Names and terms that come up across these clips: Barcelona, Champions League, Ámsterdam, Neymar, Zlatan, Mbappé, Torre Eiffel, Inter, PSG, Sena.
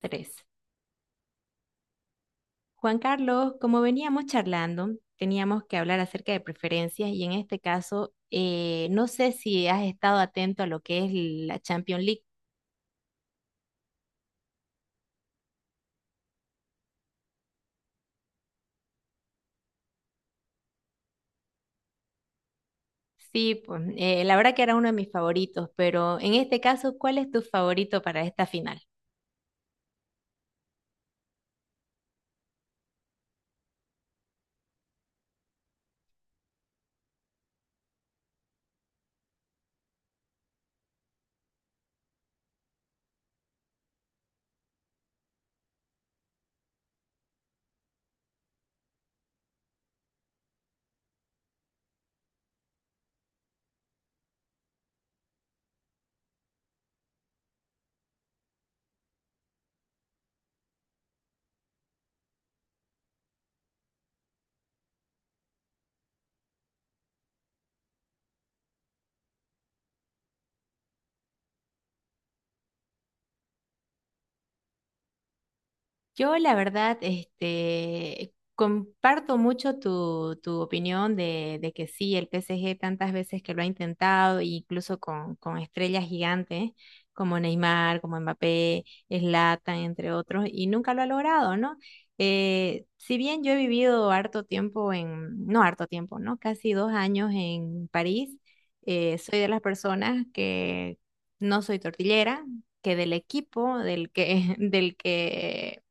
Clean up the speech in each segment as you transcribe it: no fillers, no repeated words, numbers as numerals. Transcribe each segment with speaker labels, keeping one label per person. Speaker 1: Tres. Juan Carlos, como veníamos charlando, teníamos que hablar acerca de preferencias y en este caso, no sé si has estado atento a lo que es la Champions League. Sí, pues, la verdad que era uno de mis favoritos, pero en este caso, ¿cuál es tu favorito para esta final? Yo, la verdad, este, comparto mucho tu opinión de que sí, el PSG tantas veces que lo ha intentado, incluso con estrellas gigantes como Neymar, como Mbappé, Zlatan, entre otros, y nunca lo ha logrado, ¿no? Si bien yo he vivido harto tiempo en, no harto tiempo, ¿no? Casi 2 años en París, soy de las personas que no soy tortillera, que del equipo del que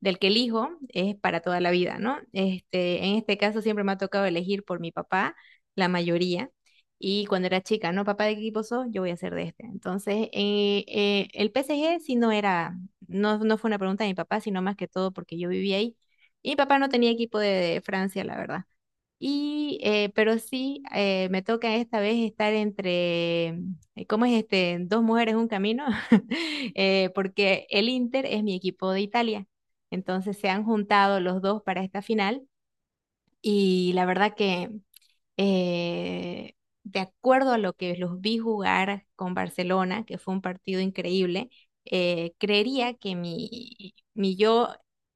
Speaker 1: del que elijo es para toda la vida, ¿no? Este, en este caso siempre me ha tocado elegir por mi papá, la mayoría. Y cuando era chica, ¿no? Papá, ¿de qué equipo sos? Yo voy a ser de este. Entonces, el PSG sí no era, no fue una pregunta de mi papá, sino más que todo porque yo vivía ahí. Y mi papá no tenía equipo de Francia, la verdad. Y, pero sí, me toca esta vez estar entre, ¿cómo es este? Dos mujeres, un camino, porque el Inter es mi equipo de Italia. Entonces se han juntado los dos para esta final y la verdad que eh, de acuerdo a lo que los vi jugar con Barcelona, que fue un partido increíble, creería que mi yo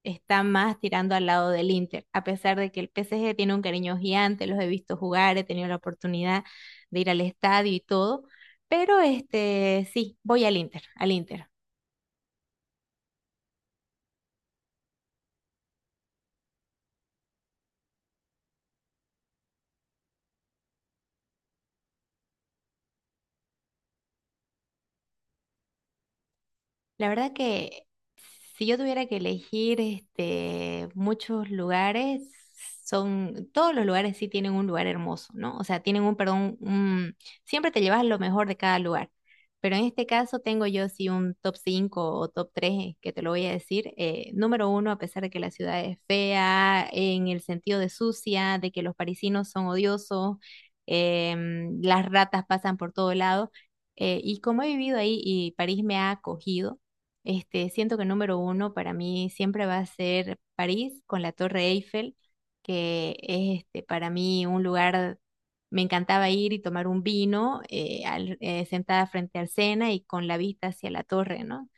Speaker 1: está más tirando al lado del Inter, a pesar de que el PSG tiene un cariño gigante, los he visto jugar, he tenido la oportunidad de ir al estadio y todo, pero este sí, voy al Inter, al Inter. La verdad que si yo tuviera que elegir este, muchos lugares, son, todos los lugares sí tienen un lugar hermoso, ¿no? O sea, tienen perdón, siempre te llevas lo mejor de cada lugar. Pero en este caso tengo yo sí un top 5 o top 3 que te lo voy a decir. Número uno, a pesar de que la ciudad es fea, en el sentido de sucia, de que los parisinos son odiosos, las ratas pasan por todo lado. Y como he vivido ahí y París me ha acogido, este, siento que número uno para mí siempre va a ser París con la Torre Eiffel, que es este, para mí un lugar, me encantaba ir y tomar un vino sentada frente al Sena y con la vista hacia la torre, ¿no?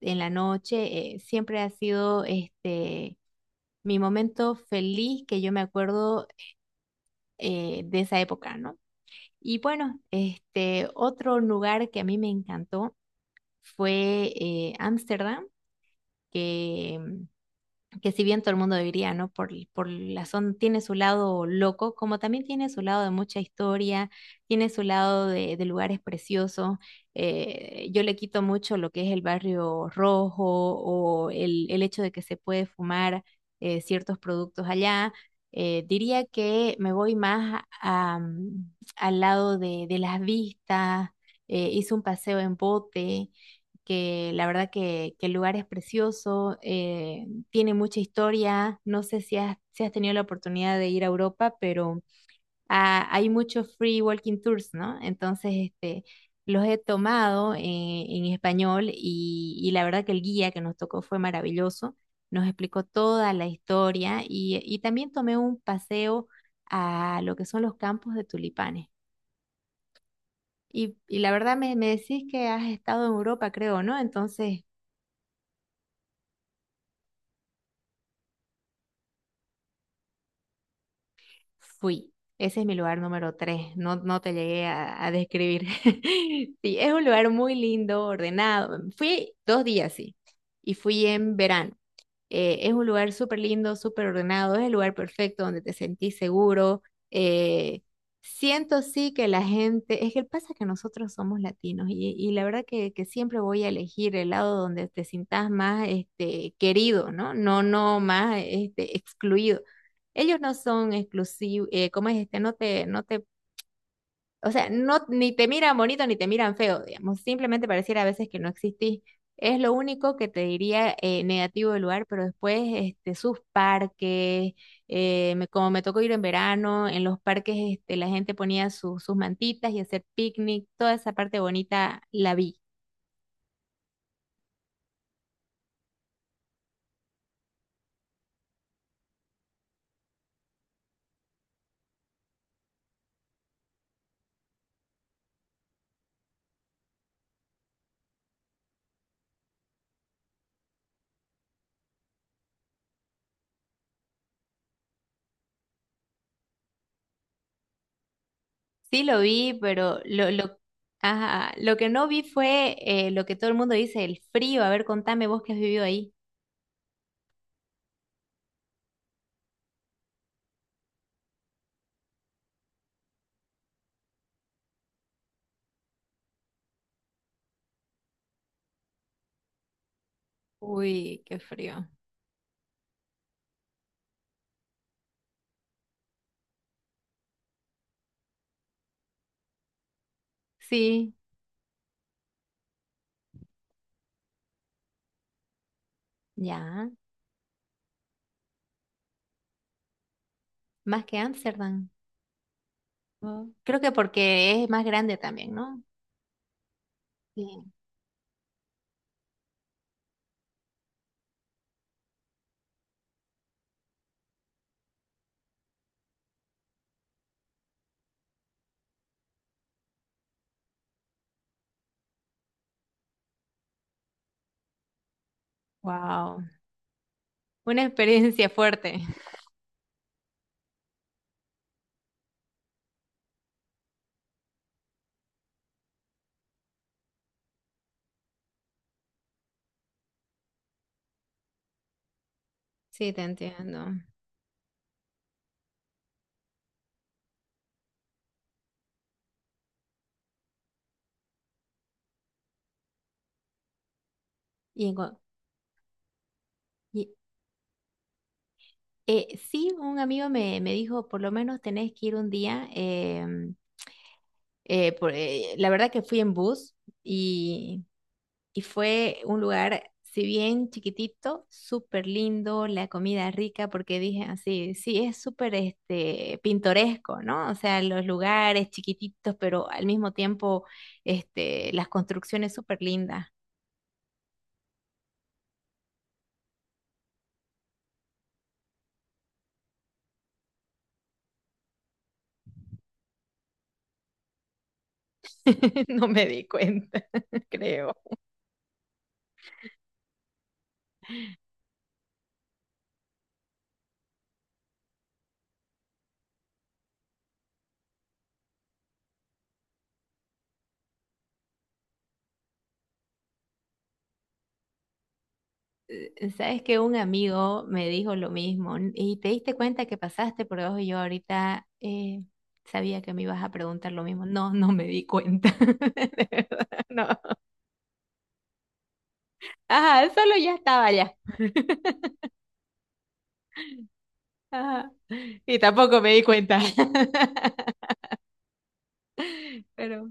Speaker 1: En la noche siempre ha sido este, mi momento feliz que yo me acuerdo de esa época, ¿no? Y bueno, este, otro lugar que a mí me encantó fue Ámsterdam, que que si bien todo el mundo diría, ¿no? Por la zona tiene su lado loco, como también tiene su lado de mucha historia, tiene su lado de lugares preciosos. Yo le quito mucho lo que es el barrio rojo o el hecho de que se puede fumar ciertos productos allá. Diría que me voy más al lado de las vistas. Hice un paseo en bote que la verdad que el lugar es precioso, tiene mucha historia. No sé si has tenido la oportunidad de ir a Europa, pero hay muchos free walking tours, ¿no? Entonces, este, los he tomado en español y la verdad que el guía que nos tocó fue maravilloso. Nos explicó toda la historia y también tomé un paseo a lo que son los campos de tulipanes. Y la verdad me decís que has estado en Europa, creo, ¿no? Entonces, fui. Ese es mi lugar número tres. No, no te llegué a describir. Sí, es un lugar muy lindo, ordenado. Fui 2 días, sí. Y fui en verano. Es un lugar súper lindo, súper ordenado. Es el lugar perfecto donde te sentís seguro. Eh, Siento sí que la gente, es que pasa que nosotros somos latinos y la verdad que siempre voy a elegir el lado donde te sientas más este, querido, ¿no? No, no más este, excluido. Ellos no son exclusivos, ¿cómo es este? O sea, no, ni te miran bonito ni te miran feo, digamos, simplemente pareciera a veces que no existís. Es lo único que te diría negativo del lugar, pero después este, sus parques, como me tocó ir en verano, en los parques este, la gente ponía sus mantitas y hacer picnic, toda esa parte bonita la vi. Sí lo vi, pero ajá, lo que no vi fue lo que todo el mundo dice, el frío. A ver, contame vos que has vivido ahí. Uy, qué frío. Sí, ya. Más que Ámsterdam. Oh, creo que porque es más grande también, ¿no? Sí. Wow. Una experiencia fuerte. Sí, te entiendo. Y, y, sí, un amigo me dijo, por lo menos tenés que ir un día. La verdad que fui en bus y y fue un lugar, si bien chiquitito, súper lindo, la comida rica, porque dije así, sí, es súper este, pintoresco, ¿no? O sea, los lugares chiquititos, pero al mismo tiempo este, las construcciones súper lindas. No me di cuenta, creo. Sabes que un amigo me dijo lo mismo: Y te diste cuenta que pasaste por debajo", y yo ahorita sabía que me ibas a preguntar lo mismo. No, no me di cuenta. De verdad, no. Ajá, el solo ya estaba allá. Ajá. Y tampoco me di cuenta. Pero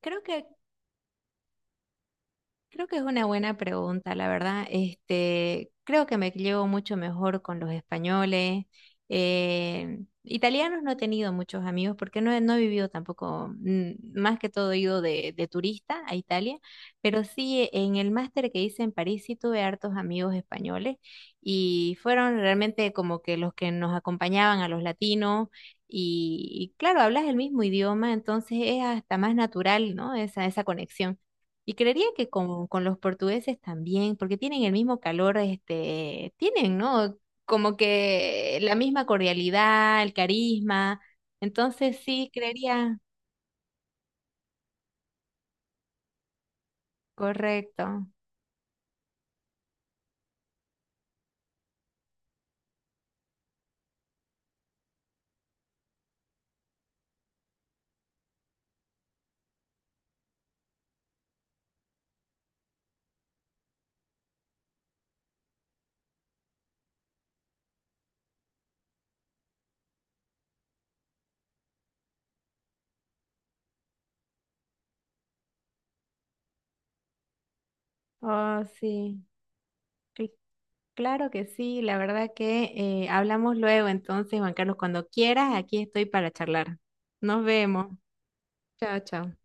Speaker 1: creo que Creo que es una buena pregunta, la verdad. Este, creo que me llevo mucho mejor con los españoles. Italianos no he tenido muchos amigos porque no he vivido tampoco, más que todo he ido de turista a Italia, pero sí en el máster que hice en París sí tuve hartos amigos españoles y fueron realmente como que los que nos acompañaban a los latinos. Y claro, hablas el mismo idioma, entonces es hasta más natural, ¿no? Esa conexión. Y creería que con los portugueses también, porque tienen el mismo calor, este, tienen, ¿no? Como que la misma cordialidad, el carisma. Entonces sí, creería, correcto. Oh, sí. Cl- Claro que sí, la verdad que hablamos luego, entonces, Juan Carlos, cuando quieras, aquí estoy para charlar. Nos vemos. Chao, chao.